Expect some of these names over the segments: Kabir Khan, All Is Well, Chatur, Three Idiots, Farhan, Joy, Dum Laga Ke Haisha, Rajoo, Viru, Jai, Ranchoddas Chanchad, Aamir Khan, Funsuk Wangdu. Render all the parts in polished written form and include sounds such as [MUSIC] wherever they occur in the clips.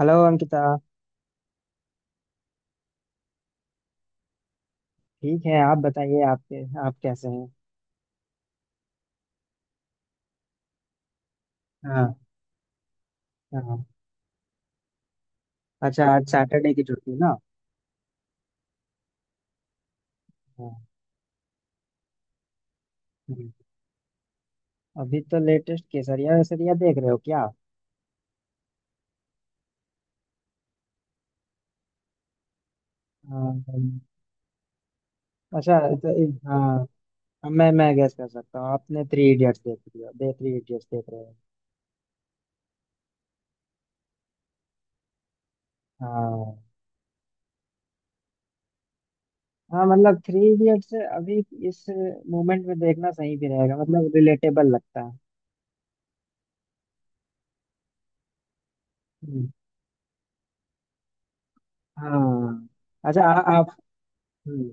Hello Ankita. ठीक है, आप बताइए, आपके आप कैसे हैं? हाँ, हाँ। अच्छा, आज सैटरडे की छुट्टी ना? हाँ। हम्म। अभी तो लेटेस्ट केसरिया वेसरिया देख रहे हो क्या? हाँ, अच्छा, तो हाँ, अब मैं गेस कर सकता हूँ, आपने थ्री इडियट्स देख रही हो दे थ्री इडियट्स देख रहे हो? हाँ। हाँ मतलब थ्री इडियट्स अभी इस मोमेंट में देखना सही भी रहेगा, मतलब रिलेटेबल लगता है। हम्म। हाँ। अच्छा। आप। हम्म।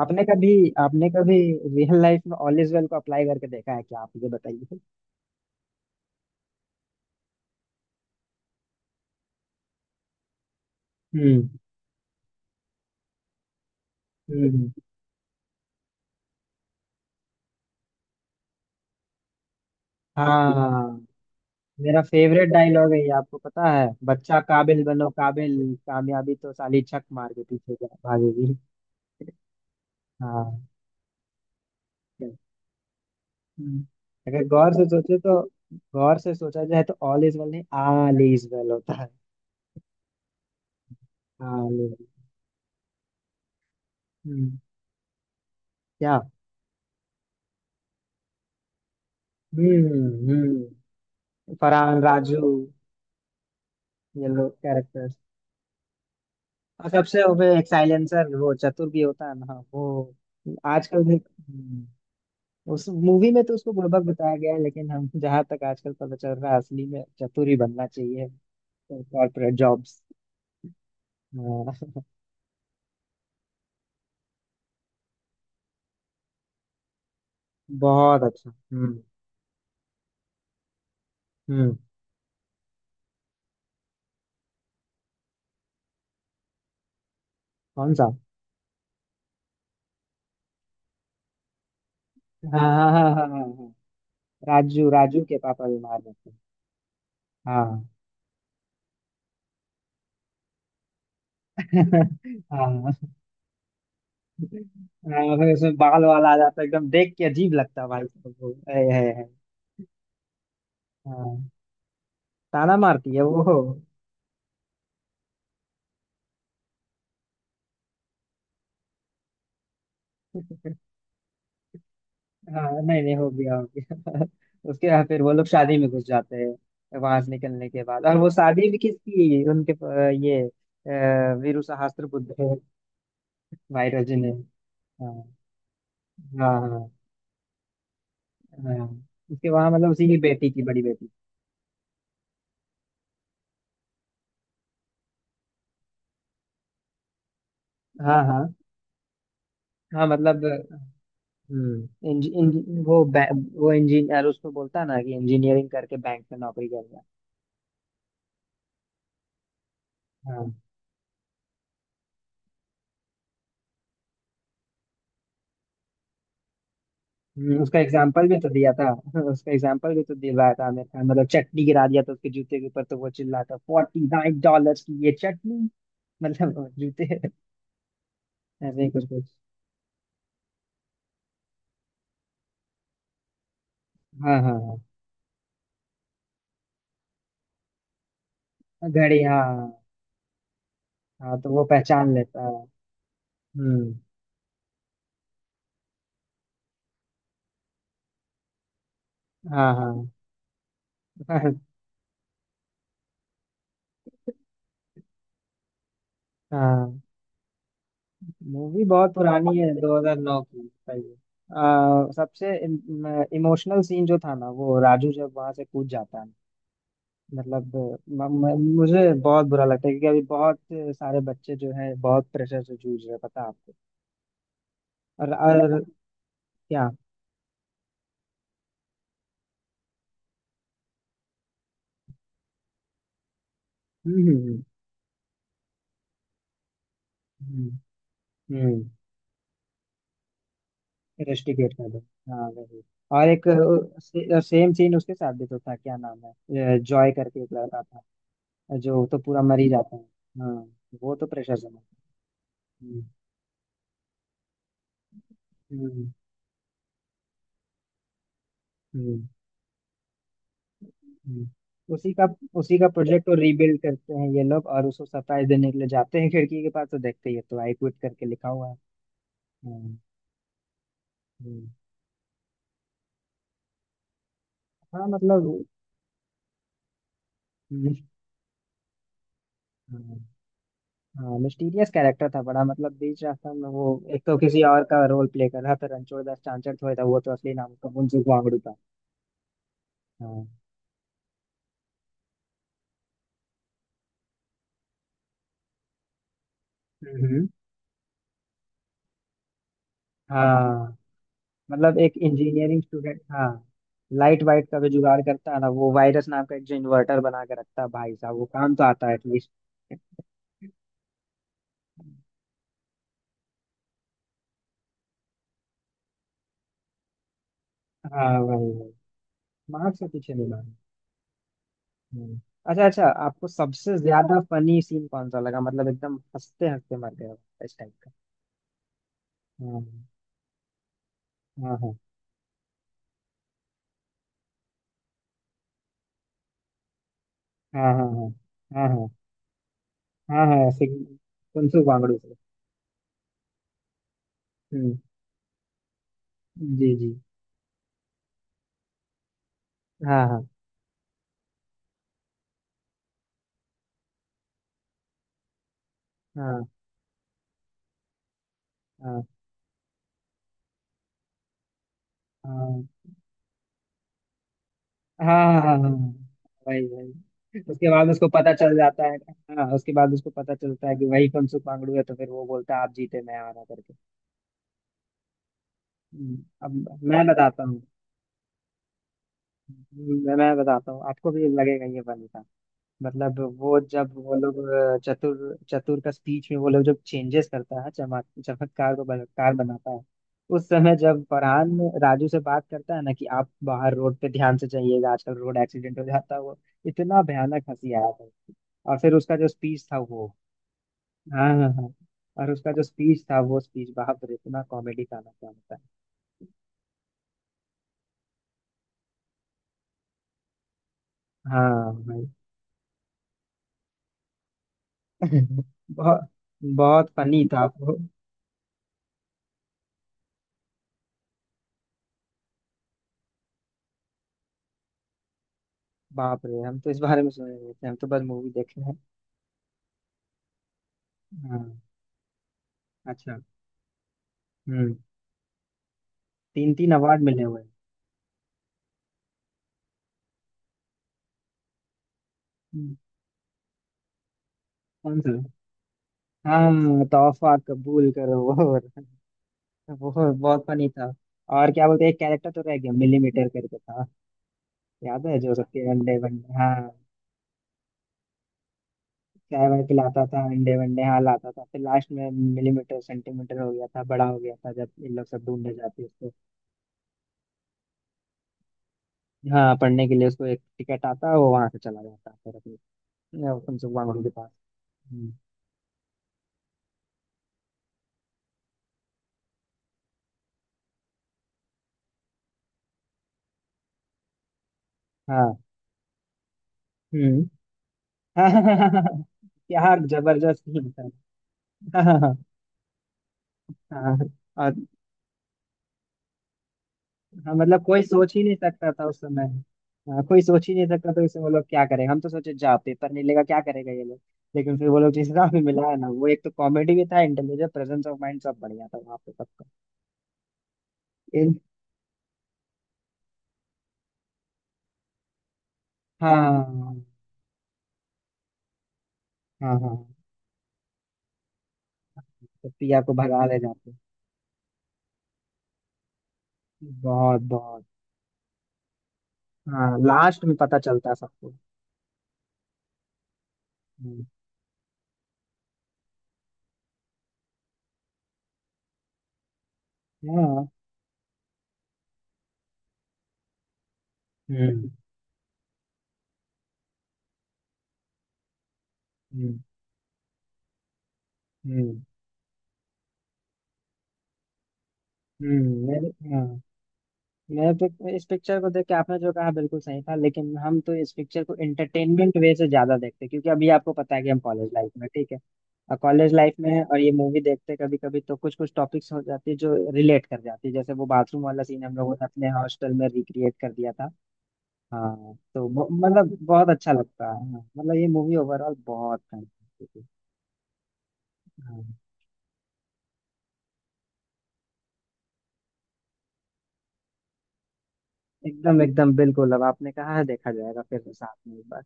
आपने कभी आपने कभी रियल लाइफ में ऑल इज वेल को अप्लाई करके देखा है क्या? आप ये बताइए। हम्म, हम्म। हाँ। मेरा फेवरेट डायलॉग है ये, आपको पता है, बच्चा काबिल बनो काबिल। कामयाबी तो साली छक मार के पीछे भागेगी। हाँ। हम्म। अगर गौर से सोचे तो, गौर से सोचा जाए तो ऑल इज वेल नहीं, ऑल इज वेल होता है। All is. हम्म। क्या? हम्म, हम्म। फरहान, राजू। ये लोग कैरेक्टर। और सबसे वो भी एक साइलेंसर, वो चतुर भी होता है ना वो। आजकल भी। हम्म। उस मूवी में तो उसको बुड़बक बताया गया है, लेकिन हम [LAUGHS] जहां तक आजकल पता चल रहा है, असली में चतुर ही बनना चाहिए। Corporate jobs. हाँ। बहुत अच्छा। हम्म। हम्म। कौन सा? हाँ, हाँ, हाँ, हाँ, हाँ, हाँ। राजू, राजू के पापा बीमार रहते हैं। हाँ। [LAUGHS] हाँ। हाँ, फिर उसमें बाल वाल आ जाता है, एकदम देख के अजीब लगता है भाई साहब। वो है। हाँ, ताना मारती है वो। हाँ, नहीं नहीं, हो गया, हो गया। [LAUGHS] उसके बाद फिर वो लोग शादी में घुस जाते हैं, वहां से निकलने के बाद। और वो शादी भी किसकी है? उनके अ, ये अ, वीरू सहस्त्र बुद्ध है। वायरस जी ने। हाँ, हाँ, हाँ, हाँ। उसके वहां मतलब उसी की बेटी की, बड़ी बेटी। हाँ, हाँ। हाँ मतलब इंज, इंज, वो बै- वो इंजीनियर, उसको बोलता है ना कि इंजीनियरिंग करके बैंक में नौकरी कर रहा है। हाँ। उसका एग्जाम्पल भी तो दिया था, [LAUGHS] उसका एग्जाम्पल भी तो दिलवाया था आमिर खान। मतलब चटनी गिरा दिया था उसके जूते के ऊपर, तो वो चिल्ला था $49 की ये चटनी। [LAUGHS] मतलब वो जूते। [LAUGHS] ऐसे ही कुछ कुछ। हाँ, हाँ। हाँ, घड़ी, हाँ, हाँ। हाँ, तो वो पहचान लेता है। हम्म। हाँ, हाँ। [LAUGHS] हाँ। मूवी बहुत पुरानी है, 2009 की, सही है। सबसे इमोशनल सीन जो था ना, वो राजू जब वहां से कूद जाता है। मतलब म, म, मुझे बहुत बुरा लगता है, क्योंकि अभी बहुत सारे बच्चे जो हैं बहुत प्रेशर से जूझ रहे हैं, पता है आपको। और। और क्या? हम्म, हम्म, हम्म, हम्म। इन्वेस्टिगेट कर दो। हाँ, वही। और एक सेम सीन उसके साथ भी तो था, क्या नाम है, जॉय करके एक लड़का था, जो तो पूरा मर ही जाता है। हाँ। वो तो प्रेशर से मरता है। हम्म, हम्म, हम्म, हम्म। उसी का। उसी का प्रोजेक्ट और रीबिल्ड करते हैं ये लोग, और उसको सरप्राइज देने के लिए जाते हैं खिड़की के पास, तो देखते ही है तो आई क्विट करके लिखा हुआ है। हम्म, हम्म। हाँ मतलब मिस- हाँ, हाँ, मिस्टीरियस कैरेक्टर था बड़ा, मतलब बीच रास्ता में वो एक तो किसी और का रोल प्ले कर रहा था, रणछोड़ दास चांचर थोड़े था वो, तो असली नाम उसका मुंसुक वांगड़ू था। हाँ। हम्म। हाँ मतलब एक इंजीनियरिंग स्टूडेंट। हाँ, लाइट वाइट का जो जुगाड़ करता है ना वो, वायरस नाम का एक जो इन्वर्टर बना के रखता है भाई साहब, वो काम तो आता है एटलीस्ट। हाँ, वही वही। मार्क्स से पीछे नहीं मारे। हम्म। अच्छा, अच्छा, आपको सबसे ज्यादा फनी सीन कौन सा लगा, मतलब एकदम हंसते हंसते मर गए हो इस टाइप का? हाँ, हाँ, हाँ, हाँ, हाँ, हाँ, हाँ, हाँ, हाँ, हाँ, ऐसे ही। फुनसुक वांगड़ू से। हम्म। जी, जी। हाँ, हाँ, हाँ, हाँ, हाँ, हाँ, हाँ, हाँ, हाँ, वही वही। उसके बाद उसको पता चल जाता है। हाँ, उसके बाद उसको पता चलता है कि वही फुनसुक मांगड़ू है, तो फिर वो बोलता है आप जीते मैं हारा करके। हम्म। अब मैं बताता हूँ। मैं बताता हूँ, आपको भी लगेगा ये फनी था। मतलब वो जब वो लोग, चतुर, चतुर का स्पीच में वो लोग जब चेंजेस करता है, चमक चमत्कार को बलात्कार बनाता है। उस समय जब फरहान राजू से बात करता है ना, कि आप बाहर रोड पे ध्यान से जाइएगा, आजकल रोड एक्सीडेंट हो जाता है वो, इतना भयानक हंसी आया था। और फिर उसका जो स्पीच था वो। हाँ, हाँ, हाँ। और उसका जो स्पीच था, वो स्पीच, बाप रे, इतना कॉमेडी का ना क्या होता है। हाँ भाई। [LAUGHS] बहुत, बहुत फनी था वो। बाप रे, हम तो इस बारे में सुने नहीं थे, हम तो बस मूवी देखे। हाँ। अच्छा। हम्म। तीन तीन अवार्ड मिले हुए हैं। हम्म। कौन सा? हाँ, तोहफा कबूल करो, वो बहुत फनी था। और क्या बोलते हैं, एक कैरेक्टर तो रह गया, मिलीमीटर करके था, याद है जो सबके अंडे वनडे? हाँ, चाय वाय पिलाता था, अंडे वनडे हाँ लाता था, फिर लास्ट में मिलीमीटर सेंटीमीटर हो गया था, बड़ा हो गया था जब इन लोग सब ढूंढने जाते उसको। हाँ, पढ़ने के लिए उसको एक टिकट आता, वो वहां से चला जाता, फिर अपने फुनसुक वांगड़ू के पास। हम्म। हाँ। हम्म। [LAUGHS] क्या जबरदस्त सीन था! [LAUGHS] हाँ, हाँ, हाँ, हाँ, और। हाँ मतलब कोई सोच ही नहीं सकता था उस समय। हाँ, कोई सोच ही नहीं सकता था, उसे वो लोग क्या करेंगे, हम तो सोचे जा पेपर नहीं लेगा क्या करेगा ये लोग। लेकिन फिर वो लोग जिस हिसाब से मिला है ना वो, एक तो कॉमेडी भी था, इंटेलिजेंस, प्रेजेंस ऑफ माइंड, सब बढ़िया था वहाँ पे सबका। इन- हाँ, हाँ, हाँ, तो पिया को भगा ले जाते। बहुत, बहुत। हाँ, लास्ट में पता चलता है सबको। हम्म। हाँ। हम्म, हम्म, हम्म। हाँ। इस पिक्चर को देख के आपने जो कहा बिल्कुल सही था, लेकिन हम तो इस पिक्चर को एंटरटेनमेंट वे से ज्यादा देखते हैं, क्योंकि अभी आपको पता है कि हम कॉलेज लाइफ में, ठीक है, और कॉलेज लाइफ में है, और ये मूवी देखते कभी कभी, तो कुछ कुछ टॉपिक्स हो जाती है जो रिलेट कर जाती है, जैसे वो बाथरूम वाला सीन हम लोगों ने अपने हॉस्टल में रिक्रिएट कर दिया था। हाँ, तो मतलब बहुत अच्छा लगता है, हाँ मतलब ये मूवी ओवरऑल बहुत fantastic है। हाँ, एकदम, एकदम बिल्कुल, अब आपने कहा है देखा जाएगा फिर साथ में एक बार।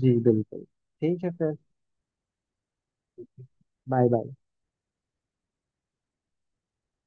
जी, बिल्कुल। ठीक है फिर। Bye bye.